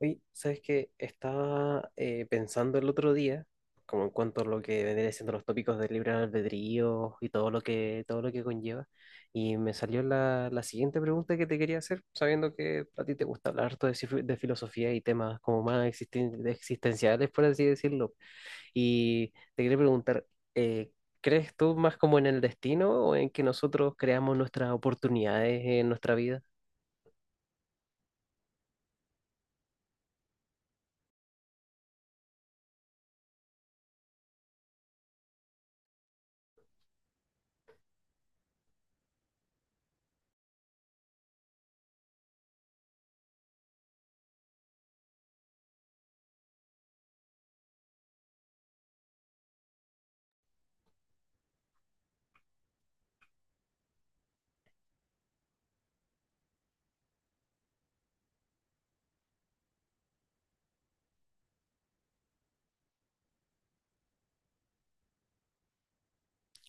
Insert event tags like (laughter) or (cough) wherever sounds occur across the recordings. Oye, ¿sabes qué? Estaba pensando el otro día, como en cuanto a lo que vendría siendo los tópicos del libre albedrío y todo lo que conlleva, y me salió la siguiente pregunta que te quería hacer, sabiendo que a ti te gusta hablar harto de, de filosofía y temas como más existenciales, por así decirlo. Y te quería preguntar, eh, ¿crees tú más como en el destino o en que nosotros creamos nuestras oportunidades en nuestra vida?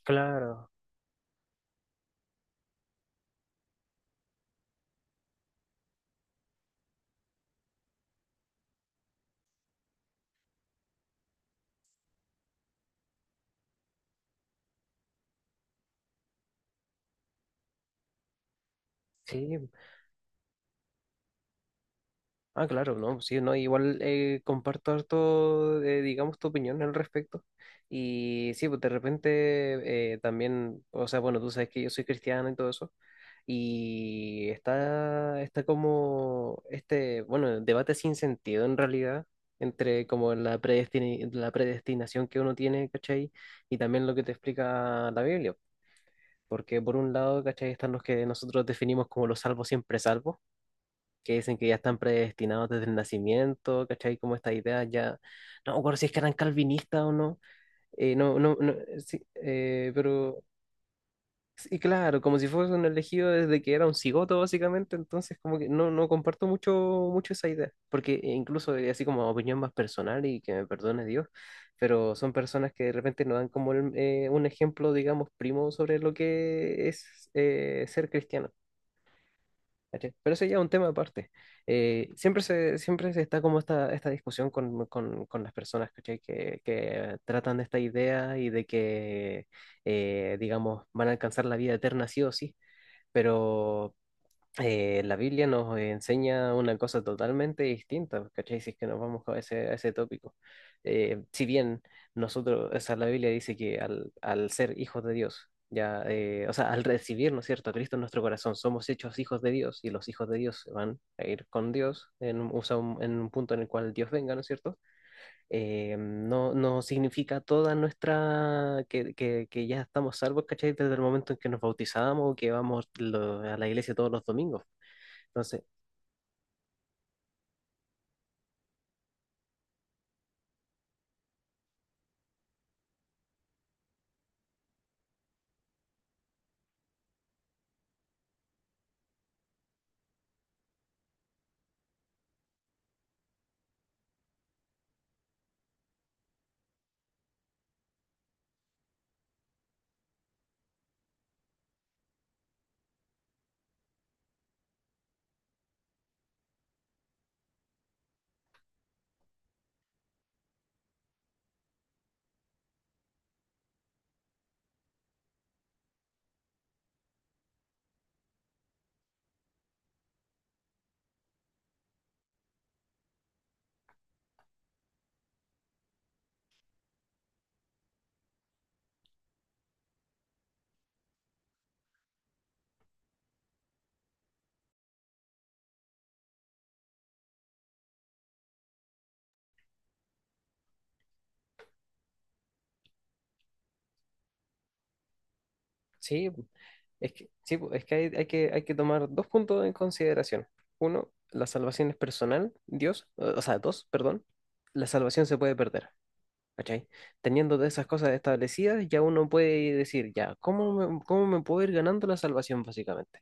Claro, sí. Ah, claro, no, sí, no, igual comparto harto, digamos, tu opinión al respecto. Y sí, pues de repente también, o sea, bueno, tú sabes que yo soy cristiano y todo eso. Y está como este, bueno, debate sin sentido en realidad, entre como la la predestinación que uno tiene, ¿cachai? Y también lo que te explica la Biblia. Porque por un lado, ¿cachai? Están los que nosotros definimos como los salvos siempre salvos, que dicen que ya están predestinados desde el nacimiento, ¿cachai? Como esta idea ya, no me acuerdo si es que eran calvinistas o no, no, no, no, sí, pero, y claro, como si fuese un elegido desde que era un cigoto, básicamente. Entonces como que no comparto mucho, esa idea, porque incluso así como opinión más personal, y que me perdone Dios, pero son personas que de repente nos dan como un ejemplo, digamos, primo sobre lo que es ser cristiano, ¿cachai? Pero eso ya es un tema aparte. Siempre se está como esta discusión con, con las personas, ¿cachai? Que tratan de esta idea y de que, digamos, van a alcanzar la vida eterna sí o sí, pero, la Biblia nos enseña una cosa totalmente distinta, ¿cachai? Si es que nos vamos a ese tópico. Si bien nosotros, o sea, la Biblia dice que al ser hijos de Dios, ya, o sea, al recibir, ¿no es cierto?, a Cristo en nuestro corazón, somos hechos hijos de Dios, y los hijos de Dios se van a ir con Dios en, un, o sea, en un punto en el cual Dios venga, ¿no es cierto? No, no significa toda nuestra, que ya estamos salvos, ¿cachai? Desde el momento en que nos bautizamos o que vamos a la iglesia todos los domingos. Entonces, sí. Es que hay que tomar dos puntos en consideración. Uno, la salvación es personal, Dios, o sea, dos, perdón, la salvación se puede perder. ¿Cachai? Teniendo todas esas cosas establecidas, ya uno puede decir, ya, ¿cómo me puedo ir ganando la salvación, básicamente?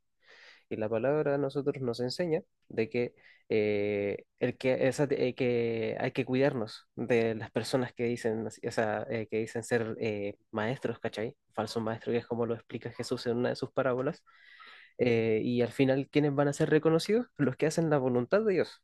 Y la palabra a nosotros nos enseña de que, el que, que hay que cuidarnos de las personas que dicen, o sea, que dicen ser maestros, ¿cachai? Falso maestro, que es como lo explica Jesús en una de sus parábolas. Y al final, ¿quiénes van a ser reconocidos? Los que hacen la voluntad de Dios,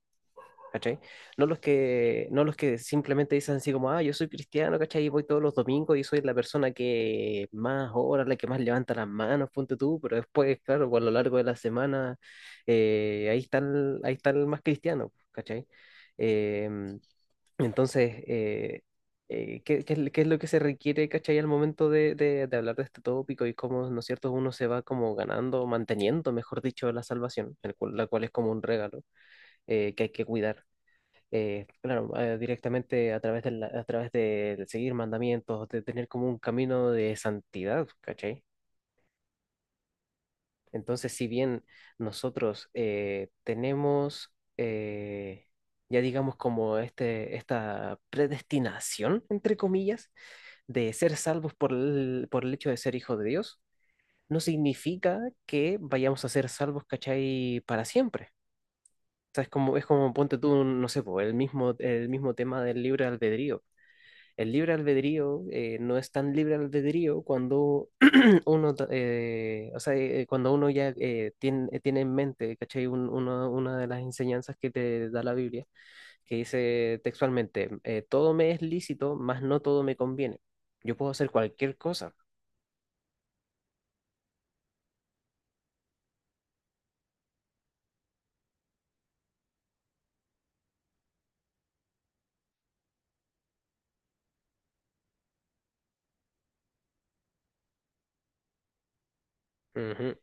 ¿cachai? No los que simplemente dicen así como, ah, yo soy cristiano, ¿cachai? Y voy todos los domingos y soy la persona que más ora, la que más levanta las manos, ponte tú, pero después, claro, pues, a lo largo de la semana, ahí está el más cristiano, ¿cachai? Eh, entonces, eh, ¿qué es lo que se requiere, ¿cachai?, al momento de, de hablar de este tópico, y cómo, ¿no es cierto?, uno se va como ganando, manteniendo, mejor dicho, la salvación, la cual es como un regalo que hay que cuidar, claro, directamente a través de, a través de seguir mandamientos, de tener como un camino de santidad, ¿cachai? Entonces, si bien nosotros tenemos, ya digamos, como este, esta predestinación, entre comillas, de ser salvos por el hecho de ser hijos de Dios, no significa que vayamos a ser salvos, ¿cachai? Para siempre. O sea, es como, ponte tú, no sé, po, el mismo tema del libre albedrío. El libre albedrío no es tan libre albedrío cuando (clears throat) uno, o sea, cuando uno ya tiene en mente, ¿cachai?, una de las enseñanzas que te da la Biblia, que dice textualmente, todo me es lícito, mas no todo me conviene. Yo puedo hacer cualquier cosa. Ujú.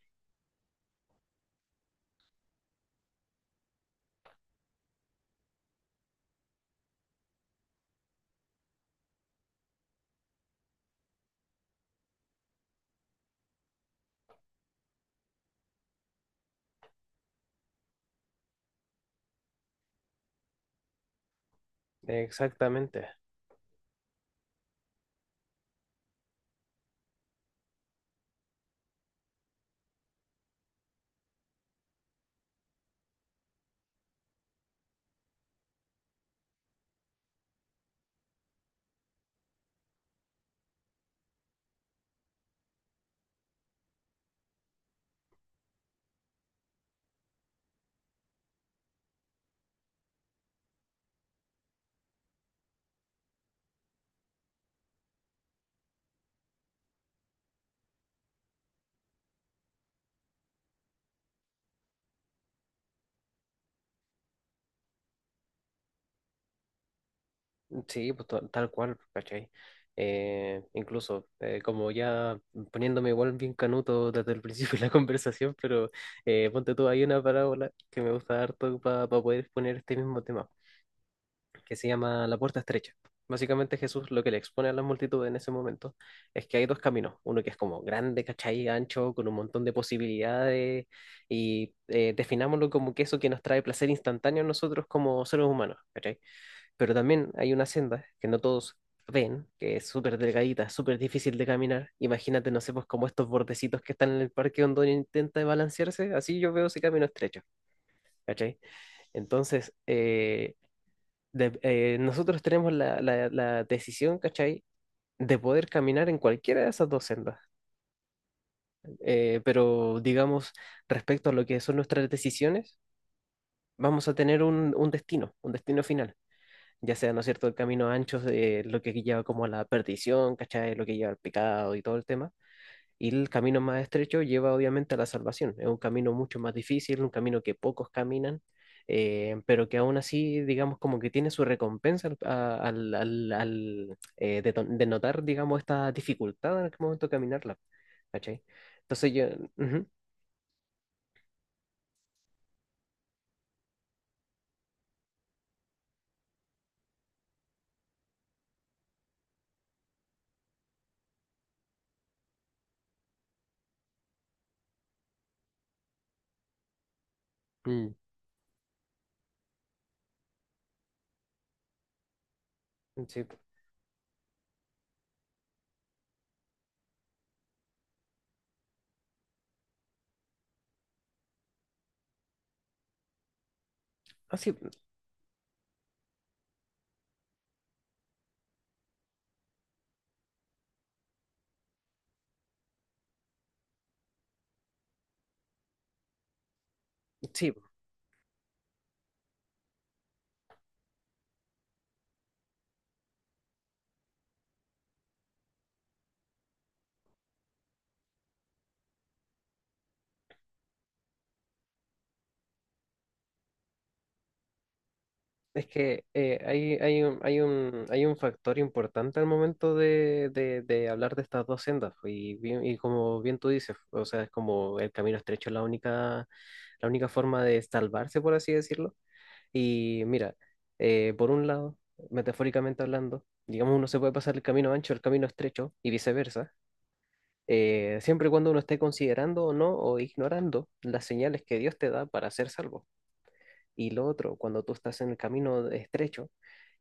Exactamente. Sí, pues tal cual, ¿cachai? Incluso, como ya poniéndome igual bien canuto desde el principio (laughs) de la conversación. Pero ponte tú, hay una parábola que me gusta harto para poder exponer este mismo tema, que se llama La puerta estrecha. Básicamente Jesús lo que le expone a la multitud en ese momento es que hay dos caminos, uno que es como grande, ¿cachai?, ancho, con un montón de posibilidades, y definámoslo como que eso que nos trae placer instantáneo a nosotros como seres humanos, ¿cachai? Pero también hay una senda que no todos ven, que es súper delgadita, súper difícil de caminar. Imagínate, no sé, pues, como estos bordecitos que están en el parque donde uno intenta balancearse; así yo veo ese camino estrecho, ¿cachai? Entonces, nosotros tenemos la decisión, ¿cachai?, de poder caminar en cualquiera de esas dos sendas. Pero digamos, respecto a lo que son nuestras decisiones, vamos a tener un destino, un destino final. Ya sea, ¿no es cierto?, el camino ancho, lo que lleva como a la perdición, ¿cachai?, lo que lleva al pecado y todo el tema. Y el camino más estrecho lleva obviamente a la salvación. Es un camino mucho más difícil, un camino que pocos caminan, pero que aún así, digamos, como que tiene su recompensa al, a- al- al- al, deto- denotar, digamos, esta dificultad en el momento de caminarla, ¿cachai? Entonces yo... Ujú, mm, sí. Ah, sí, sí. Es que hay un factor importante al momento de, de hablar de estas dos sendas, pues, y como bien tú dices, o sea, es como el camino estrecho es la única forma de salvarse, por así decirlo. Y mira, por un lado, metafóricamente hablando, digamos, uno se puede pasar el camino ancho al camino estrecho y viceversa, siempre y cuando uno esté considerando o no o ignorando las señales que Dios te da para ser salvo. Y lo otro, cuando tú estás en el camino estrecho,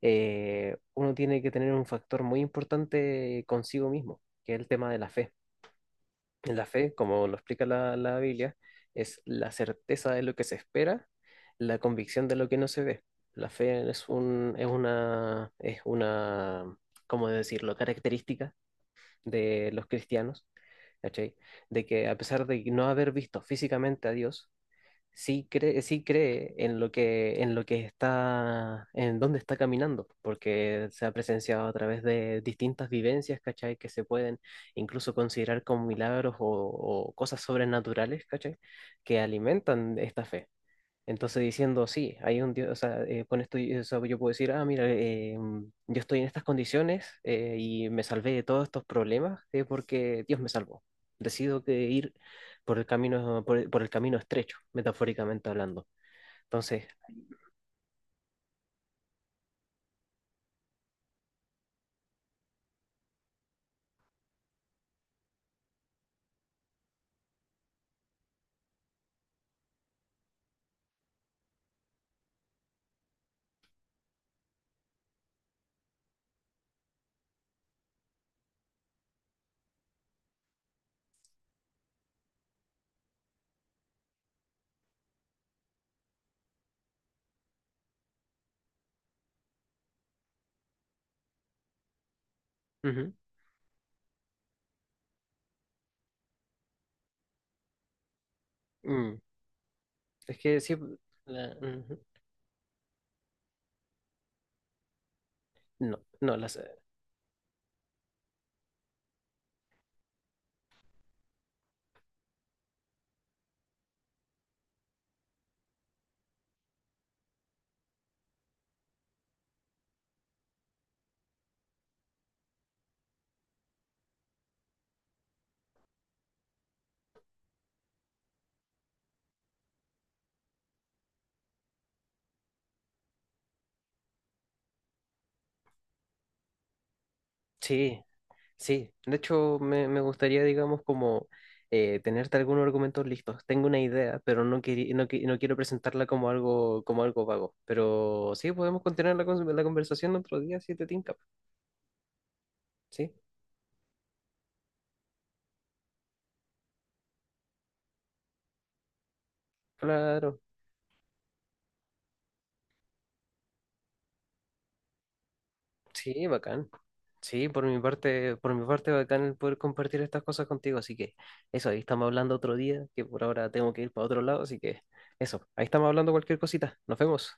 uno tiene que tener un factor muy importante consigo mismo, que es el tema de la fe. La fe, como lo explica la Biblia, es la certeza de lo que se espera, la convicción de lo que no se ve. La fe es un, es una, ¿cómo decirlo?, característica de los cristianos, ¿cachai? De que a pesar de no haber visto físicamente a Dios, sí cree en lo que está, en dónde está caminando, porque se ha presenciado a través de distintas vivencias, ¿cachai?, que se pueden incluso considerar como milagros o cosas sobrenaturales, ¿cachai?, que alimentan esta fe. Entonces diciendo, sí, hay un Dios, o sea, con esto o sea, yo puedo decir, ah, mira, yo estoy en estas condiciones y me salvé de todos estos problemas porque Dios me salvó. Decido que ir por el camino, por el camino estrecho, metafóricamente hablando. Entonces. Ujú, mm, es que sí. Ujú, no, no, las, sí. Sí, de hecho me, gustaría, digamos, como tenerte algunos argumentos listos. Tengo una idea, pero no quiero presentarla como algo, vago. Pero sí, podemos continuar la conversación otro día si te tinca. Sí, claro. Sí, bacán. Sí, por mi parte, bacán el poder compartir estas cosas contigo. Así que eso, ahí estamos hablando otro día, que por ahora tengo que ir para otro lado. Así que eso, ahí estamos hablando cualquier cosita. Nos vemos.